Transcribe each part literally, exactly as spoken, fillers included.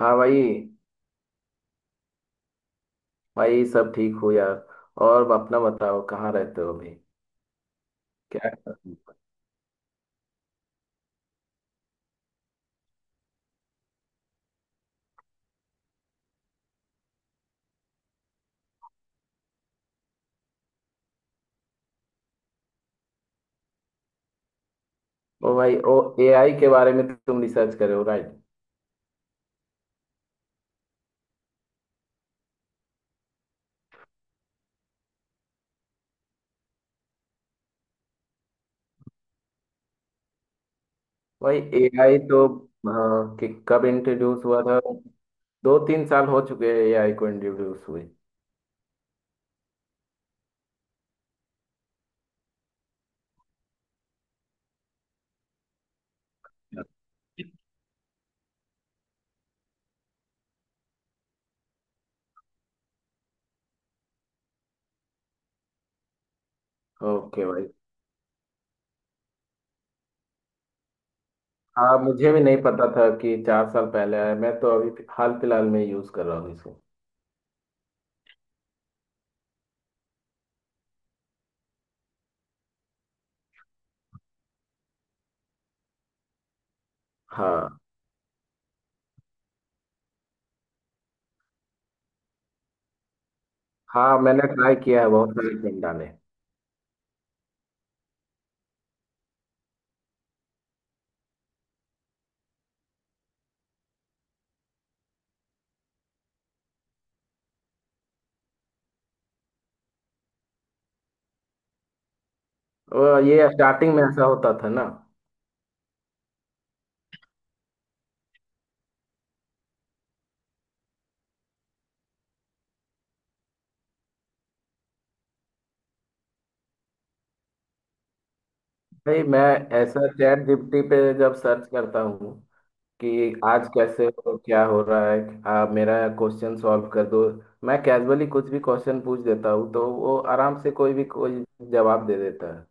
हाँ भाई। भाई सब ठीक हो यार? और अपना बताओ, कहाँ रहते हो अभी? क्या कर रहे हो? ओ भाई ओ, एआई के बारे में तो तुम रिसर्च कर रहे हो, राइट? भाई एआई तो हाँ, कि कब इंट्रोड्यूस हुआ था? दो तीन साल हो चुके हैं एआई को इंट्रोड्यूस हुए। ओके भाई। हाँ, मुझे भी नहीं पता था कि चार साल पहले आया। मैं तो अभी फि- हाल फिलहाल में यूज कर रहा हूँ इसको। हाँ हाँ, मैंने ट्राई किया है बहुत सारे पिंडा ने। और ये स्टार्टिंग में ऐसा होता था ना? नहीं, मैं ऐसा चैट जीपीटी पे जब सर्च करता हूँ कि आज कैसे हो, क्या हो रहा है, आप मेरा क्वेश्चन सॉल्व कर दो। मैं कैजुअली कुछ भी क्वेश्चन पूछ देता हूँ तो वो आराम से कोई भी कोई जवाब दे देता है।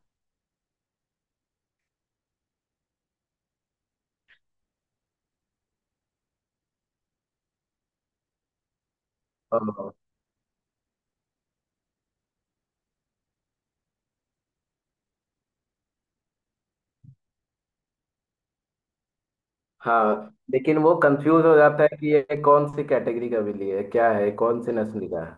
हाँ हाँ, लेकिन वो कंफ्यूज हो जाता है कि ये कौन सी कैटेगरी का बिल्ली है, क्या है, कौन सी नस्ल का है।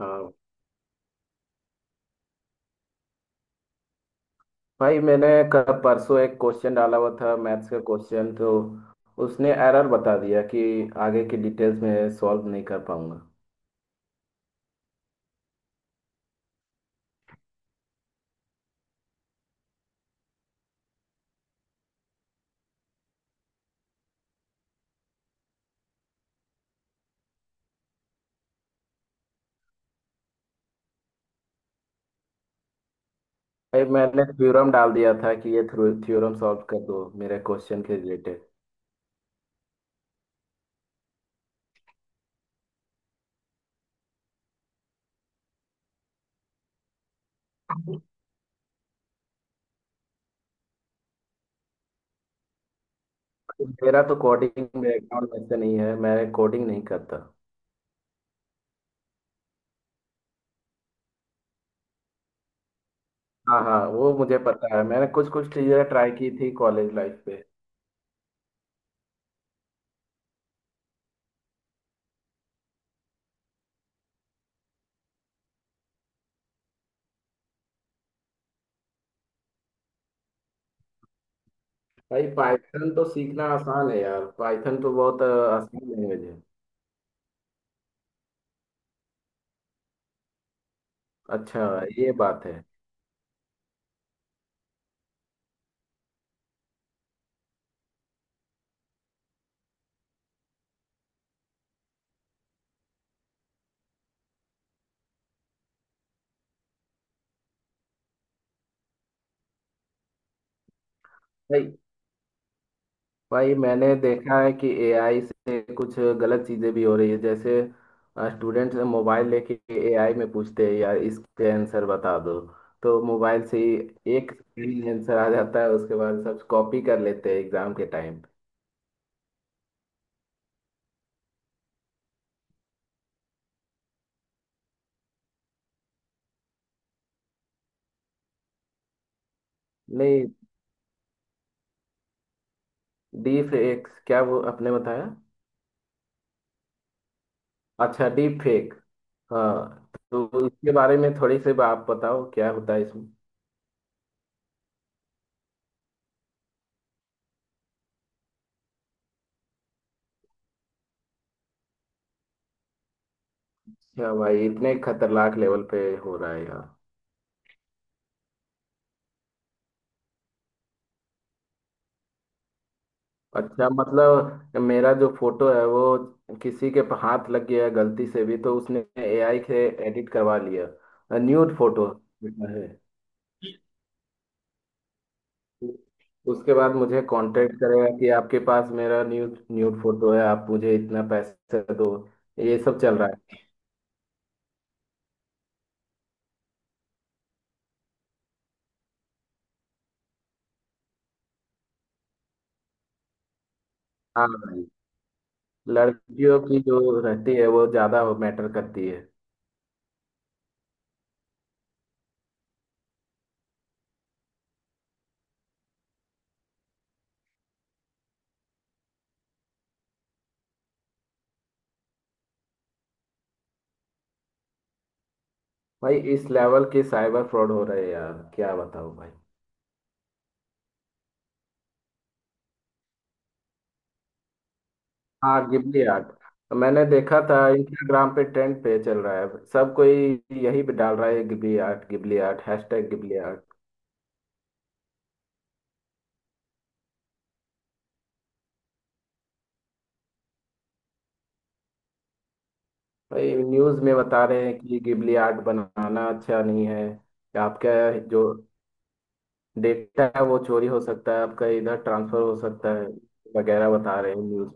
हाँ भाई, मैंने कल परसों एक क्वेश्चन डाला हुआ था, मैथ्स का क्वेश्चन, तो उसने एरर बता दिया कि आगे की डिटेल्स में सॉल्व नहीं कर पाऊंगा। भाई मैंने थ्योरम डाल दिया था कि ये थ्योरम सॉल्व कर दो मेरे क्वेश्चन के रिलेटेड। मेरा तो कोडिंग बैकग्राउंड वैसे नहीं है, मैं कोडिंग नहीं करता। हाँ हाँ, वो मुझे पता है, मैंने कुछ कुछ चीज़ें ट्राई की थी कॉलेज लाइफ पे। भाई पाइथन तो सीखना आसान है यार, पाइथन तो बहुत अ, आसान लैंग्वेज है। अच्छा, ये बात है। भाई भाई मैंने देखा है कि एआई से कुछ गलत चीज़ें भी हो रही है। जैसे स्टूडेंट्स मोबाइल लेके एआई में पूछते हैं, यार इसके आंसर बता दो, तो मोबाइल से ही एक सही आंसर आ जाता है। उसके बाद सब कॉपी कर लेते हैं एग्जाम के टाइम। नहीं। डीप फेक क्या, वो आपने बताया। अच्छा, डीप फेक। हाँ तो इसके बारे में थोड़ी सी आप बताओ, क्या होता है इसमें? क्या भाई, इतने खतरनाक लेवल पे हो रहा है यार। अच्छा मतलब मेरा जो फोटो है वो किसी के प- हाथ लग गया है गलती से भी, तो उसने एआई से एडिट करवा लिया, न्यूड फोटो है। उसके बाद मुझे कांटेक्ट करेगा कि आपके पास मेरा न्यूड न्यूड फोटो है, आप मुझे इतना पैसे दो। ये सब चल रहा है। हाँ भाई। लड़कियों की जो रहती है वो ज्यादा मैटर करती है। भाई इस लेवल के साइबर फ्रॉड हो रहे हैं यार, क्या बताऊं भाई। हाँ गिबली आर्ट, मैंने देखा था इंस्टाग्राम पे, ट्रेंड पे चल रहा है। सब कोई यही पे डाल रहा है, Ghibli art, Ghibli art, hashtag Ghibli art. भाई न्यूज़ में बता रहे हैं कि गिबली आर्ट बनाना अच्छा नहीं है, कि आपका जो डेटा है वो चोरी हो सकता है, आपका इधर ट्रांसफर हो सकता है वगैरह, बता रहे हैं न्यूज़।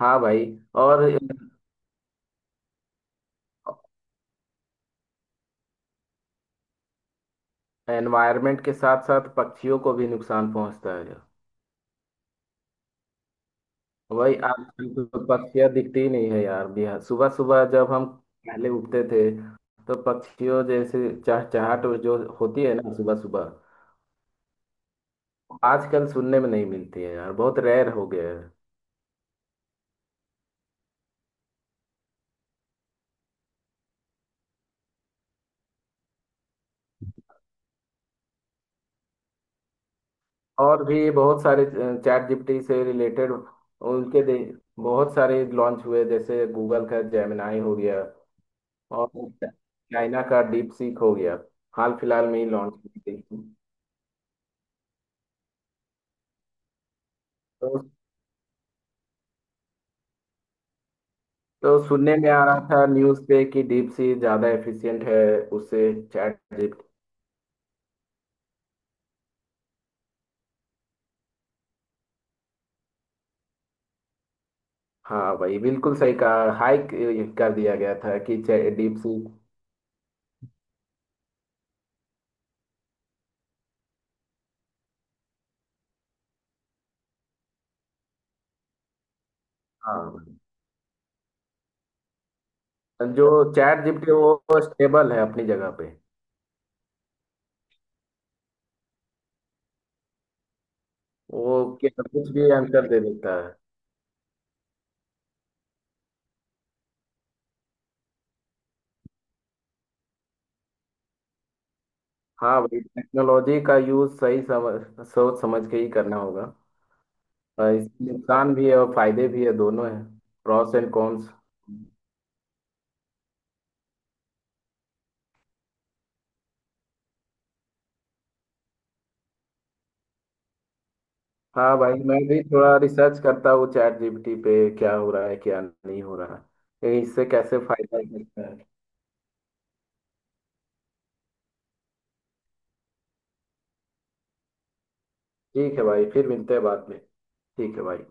हाँ भाई। और एनवायरनमेंट के साथ साथ पक्षियों को भी नुकसान पहुंचता है। वही, आज हमको पक्षियाँ दिखती ही नहीं है यार। बिहार सुबह सुबह जब हम पहले उठते थे तो पक्षियों जैसे चहचहाट जो होती है ना सुबह सुबह, आजकल सुनने में नहीं मिलती है यार, बहुत रेयर हो गया है। और भी बहुत सारे चैट जीपीटी से रिलेटेड उनके दे, बहुत सारे लॉन्च हुए। जैसे गूगल का जेमिनाई हो गया, और चाइना का डीप सीक हो गया, हाल फिलहाल में ही लॉन्च हुई थी। तो तो सुनने में आ रहा था न्यूज़ पे कि डीप सी ज़्यादा एफिशिएंट है उससे चैट जीपीटी। हाँ भाई बिल्कुल सही कहा, हाइक कर दिया गया था कि डीप सी। हाँ भाई। जो चैट जीपीटी, वो स्टेबल है अपनी जगह पे। वो क्या- कुछ भी आंसर दे देता है। हाँ भाई टेक्नोलॉजी का यूज़ सही समझ सोच समझ के ही करना होगा। अ, इसके नुकसान भी है और फायदे भी है, दोनों है। Pros and cons. हाँ भाई, मैं भी थोड़ा रिसर्च करता हूँ चैट जीपीटी पे, क्या हो रहा है क्या नहीं हो रहा है, इससे कैसे फायदा मिलता है। ठीक है भाई, फिर मिलते हैं बाद में, ठीक है भाई।